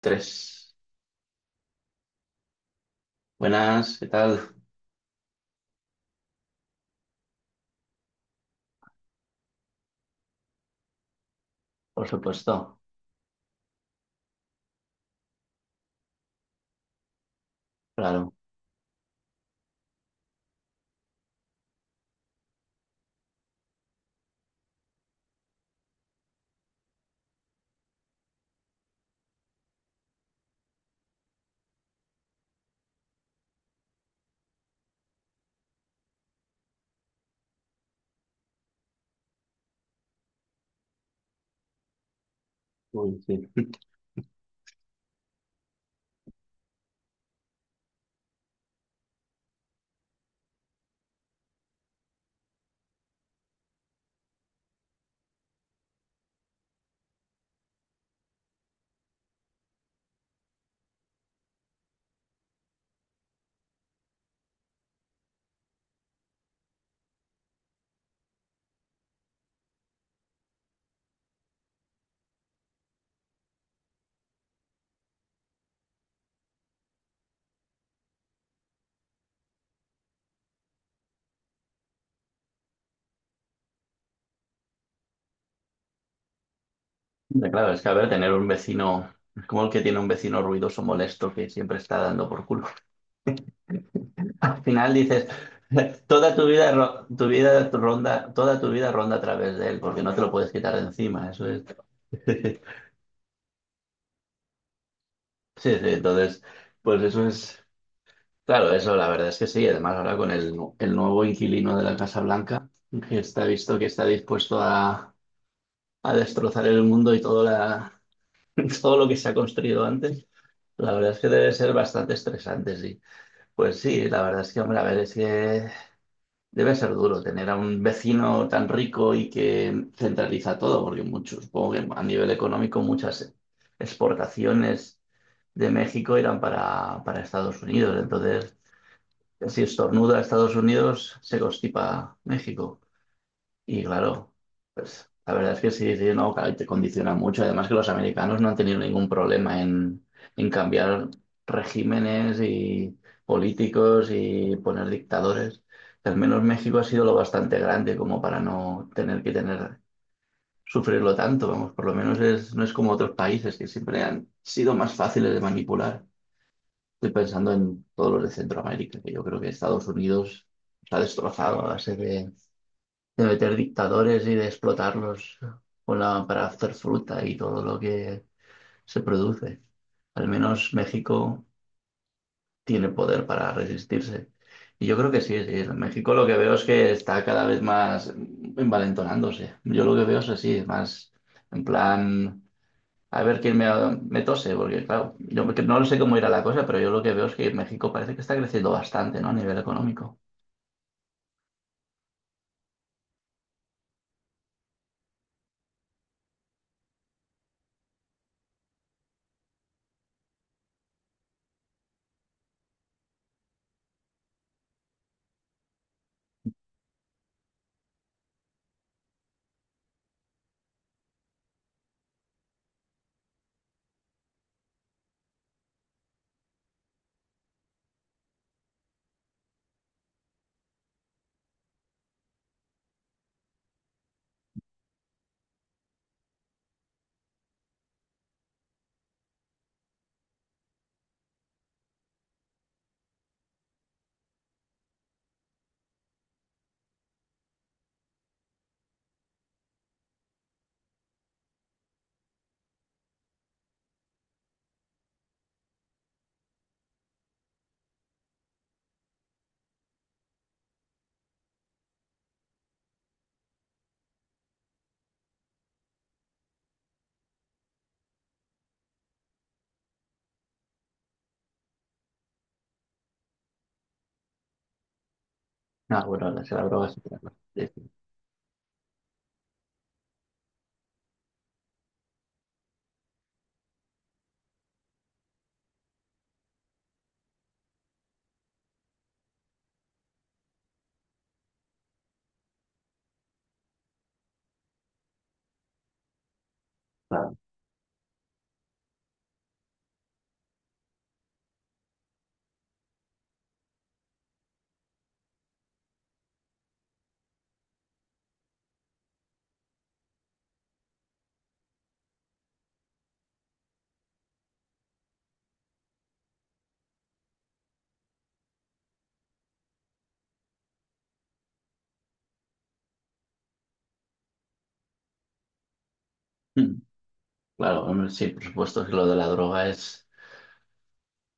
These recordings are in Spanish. Tres. Buenas, ¿qué tal? Por supuesto, claro. Uy, sí. Hombre, claro, es que, a ver, tener un vecino es como el que tiene un vecino ruidoso, molesto, que siempre está dando por culo. Al final dices, toda tu vida, toda tu vida ronda a través de él, porque no te lo puedes quitar de encima, eso es. Sí, sí, entonces, pues eso es, claro, eso la verdad es que sí. Además, ahora con el, el nuevo inquilino de la Casa Blanca, que está visto que está dispuesto a destrozar el mundo y todo, todo lo que se ha construido antes, la verdad es que debe ser bastante estresante, sí. Pues sí, la verdad es que, hombre, a ver, es que debe ser duro tener a un vecino tan rico y que centraliza todo, porque mucho, supongo que a nivel económico muchas exportaciones de México irán para Estados Unidos. Entonces, si estornuda a Estados Unidos, se constipa México. Y claro, pues la verdad es que sí, sí, no, claro, y te condiciona mucho. Además, que los americanos no han tenido ningún problema en cambiar regímenes y políticos y poner dictadores. Al menos México ha sido lo bastante grande como para no tener que tener, sufrirlo tanto, vamos, por lo menos es, no es como otros países que siempre han sido más fáciles de manipular. Estoy pensando en todos los de Centroamérica, que yo creo que Estados Unidos está destrozado a base de meter dictadores y de explotarlos con para hacer fruta y todo lo que se produce. Al menos México tiene poder para resistirse. Y yo creo que sí, sí. México lo que veo es que está cada vez más envalentonándose. Yo lo que veo es así, más en plan, a ver me tose, porque claro, no sé cómo irá la cosa, pero yo lo que veo es que México parece que está creciendo bastante, ¿no? A nivel económico. Ah, bueno, la droga sí, claro. Sí, sí, claro. Claro, hombre, sí, por supuesto que lo de la droga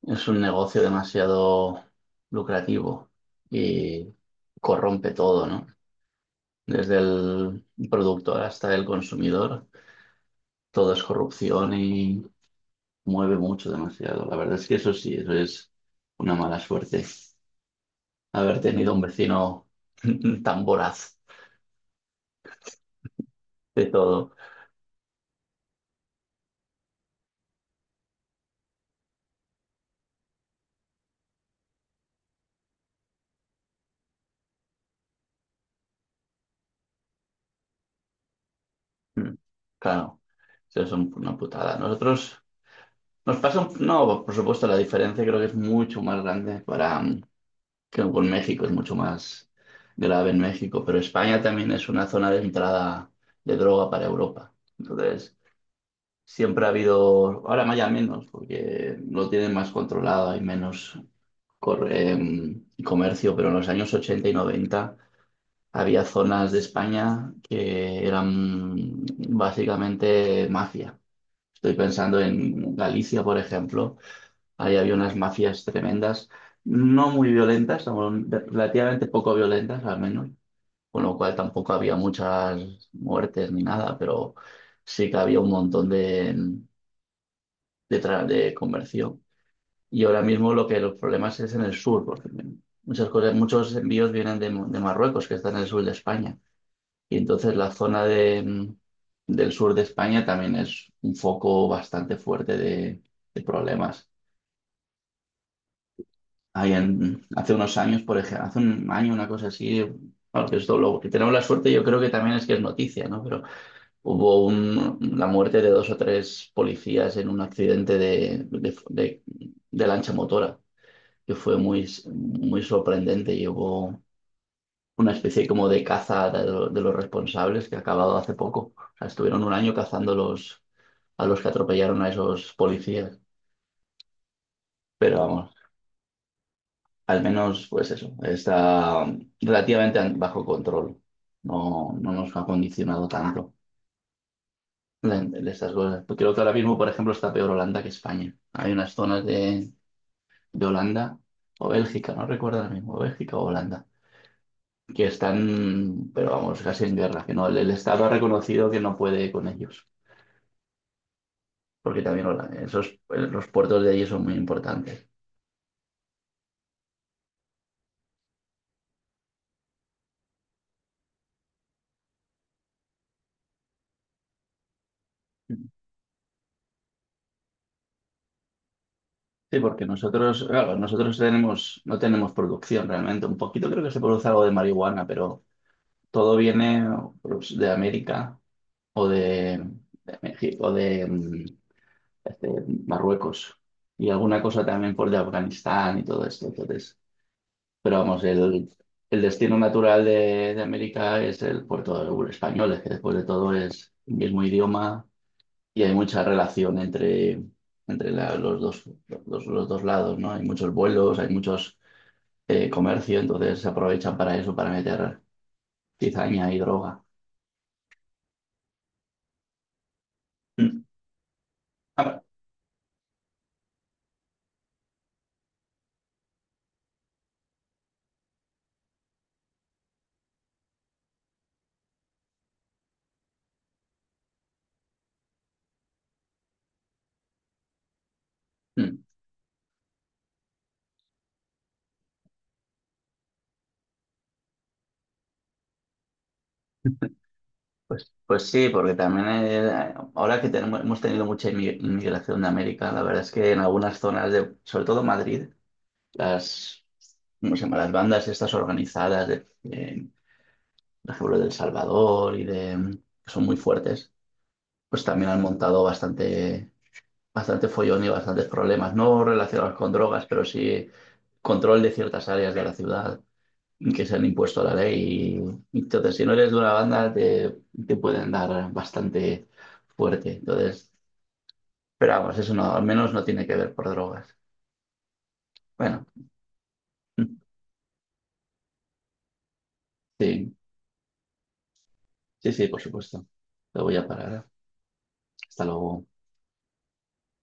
es un negocio demasiado lucrativo y corrompe todo, ¿no? Desde el productor hasta el consumidor, todo es corrupción y mueve mucho, demasiado. La verdad es que eso sí, eso es una mala suerte. Haber tenido un vecino tan voraz de todo. Mm, Claro, eso es una putada. Nosotros nos pasa, no, por supuesto, la diferencia creo que es mucho más grande para... que con México es mucho más grave en México, pero España también es una zona de entrada de droga para Europa. Entonces, siempre ha habido, ahora más ya menos, porque lo tienen más controlado, hay menos comercio, pero en los años 80 y 90 había zonas de España que eran básicamente mafia. Estoy pensando en Galicia, por ejemplo. Ahí había unas mafias tremendas, no muy violentas, o relativamente poco violentas al menos, con lo cual tampoco había muchas muertes ni nada, pero sí que había un montón de comercio. Y ahora mismo lo que los problemas es en el sur, porque muchas cosas, muchos envíos vienen de Marruecos, que está en el sur de España. Y entonces la zona de, del sur de España también es un foco bastante fuerte de problemas. Ahí hace unos años, por ejemplo, hace un año, una cosa así, claro, que esto lo que tenemos la suerte, yo creo que también, es que es noticia, ¿no? Pero hubo la muerte de dos o tres policías en un accidente de lancha motora, que fue muy, muy sorprendente, y hubo una especie como de caza de, de los responsables, que ha acabado hace poco. O sea, estuvieron un año cazando los, a los que atropellaron a esos policías, pero vamos, al menos, pues eso, está relativamente bajo control. No, no nos ha condicionado tanto en estas cosas. Creo que ahora mismo, por ejemplo, está peor Holanda que España. Hay unas zonas de Holanda o Bélgica, no recuerdo ahora mismo, Bélgica o Holanda, que están, pero vamos, casi en guerra, que no, el Estado ha reconocido que no puede con ellos, porque también esos, los puertos de allí son muy importantes. Sí, porque nosotros, claro, nosotros tenemos, no tenemos producción realmente. Un poquito creo que se produce algo de marihuana, pero todo viene pues, de América o de México, de, este, Marruecos y alguna cosa también por de Afganistán y todo esto. Entonces, pero vamos, el destino natural de América es el puerto del español, es que después de todo es el mismo idioma, y hay mucha relación entre, entre los dos, los dos lados, ¿no? Hay muchos vuelos, hay muchos comercio, entonces se aprovechan para eso, para meter cizaña y droga. Mm. Ah, mm. Pues, pues sí, porque también, ahora que tenemos, hemos tenido mucha inmigración de América, la verdad es que en algunas zonas de, sobre todo Madrid, las, ¿cómo se llama? Las bandas estas organizadas de, por ejemplo, de El Salvador y de, que son muy fuertes, pues también han montado bastante, bastante follón y bastantes problemas, no relacionados con drogas, pero sí control de ciertas áreas de la ciudad, que se han impuesto a la ley. Y entonces, si no eres de una banda, te pueden dar bastante fuerte. Entonces, pero vamos, eso no, al menos no tiene que ver por drogas. Bueno, sí, sí, sí, por supuesto. Lo voy a parar. Hasta luego.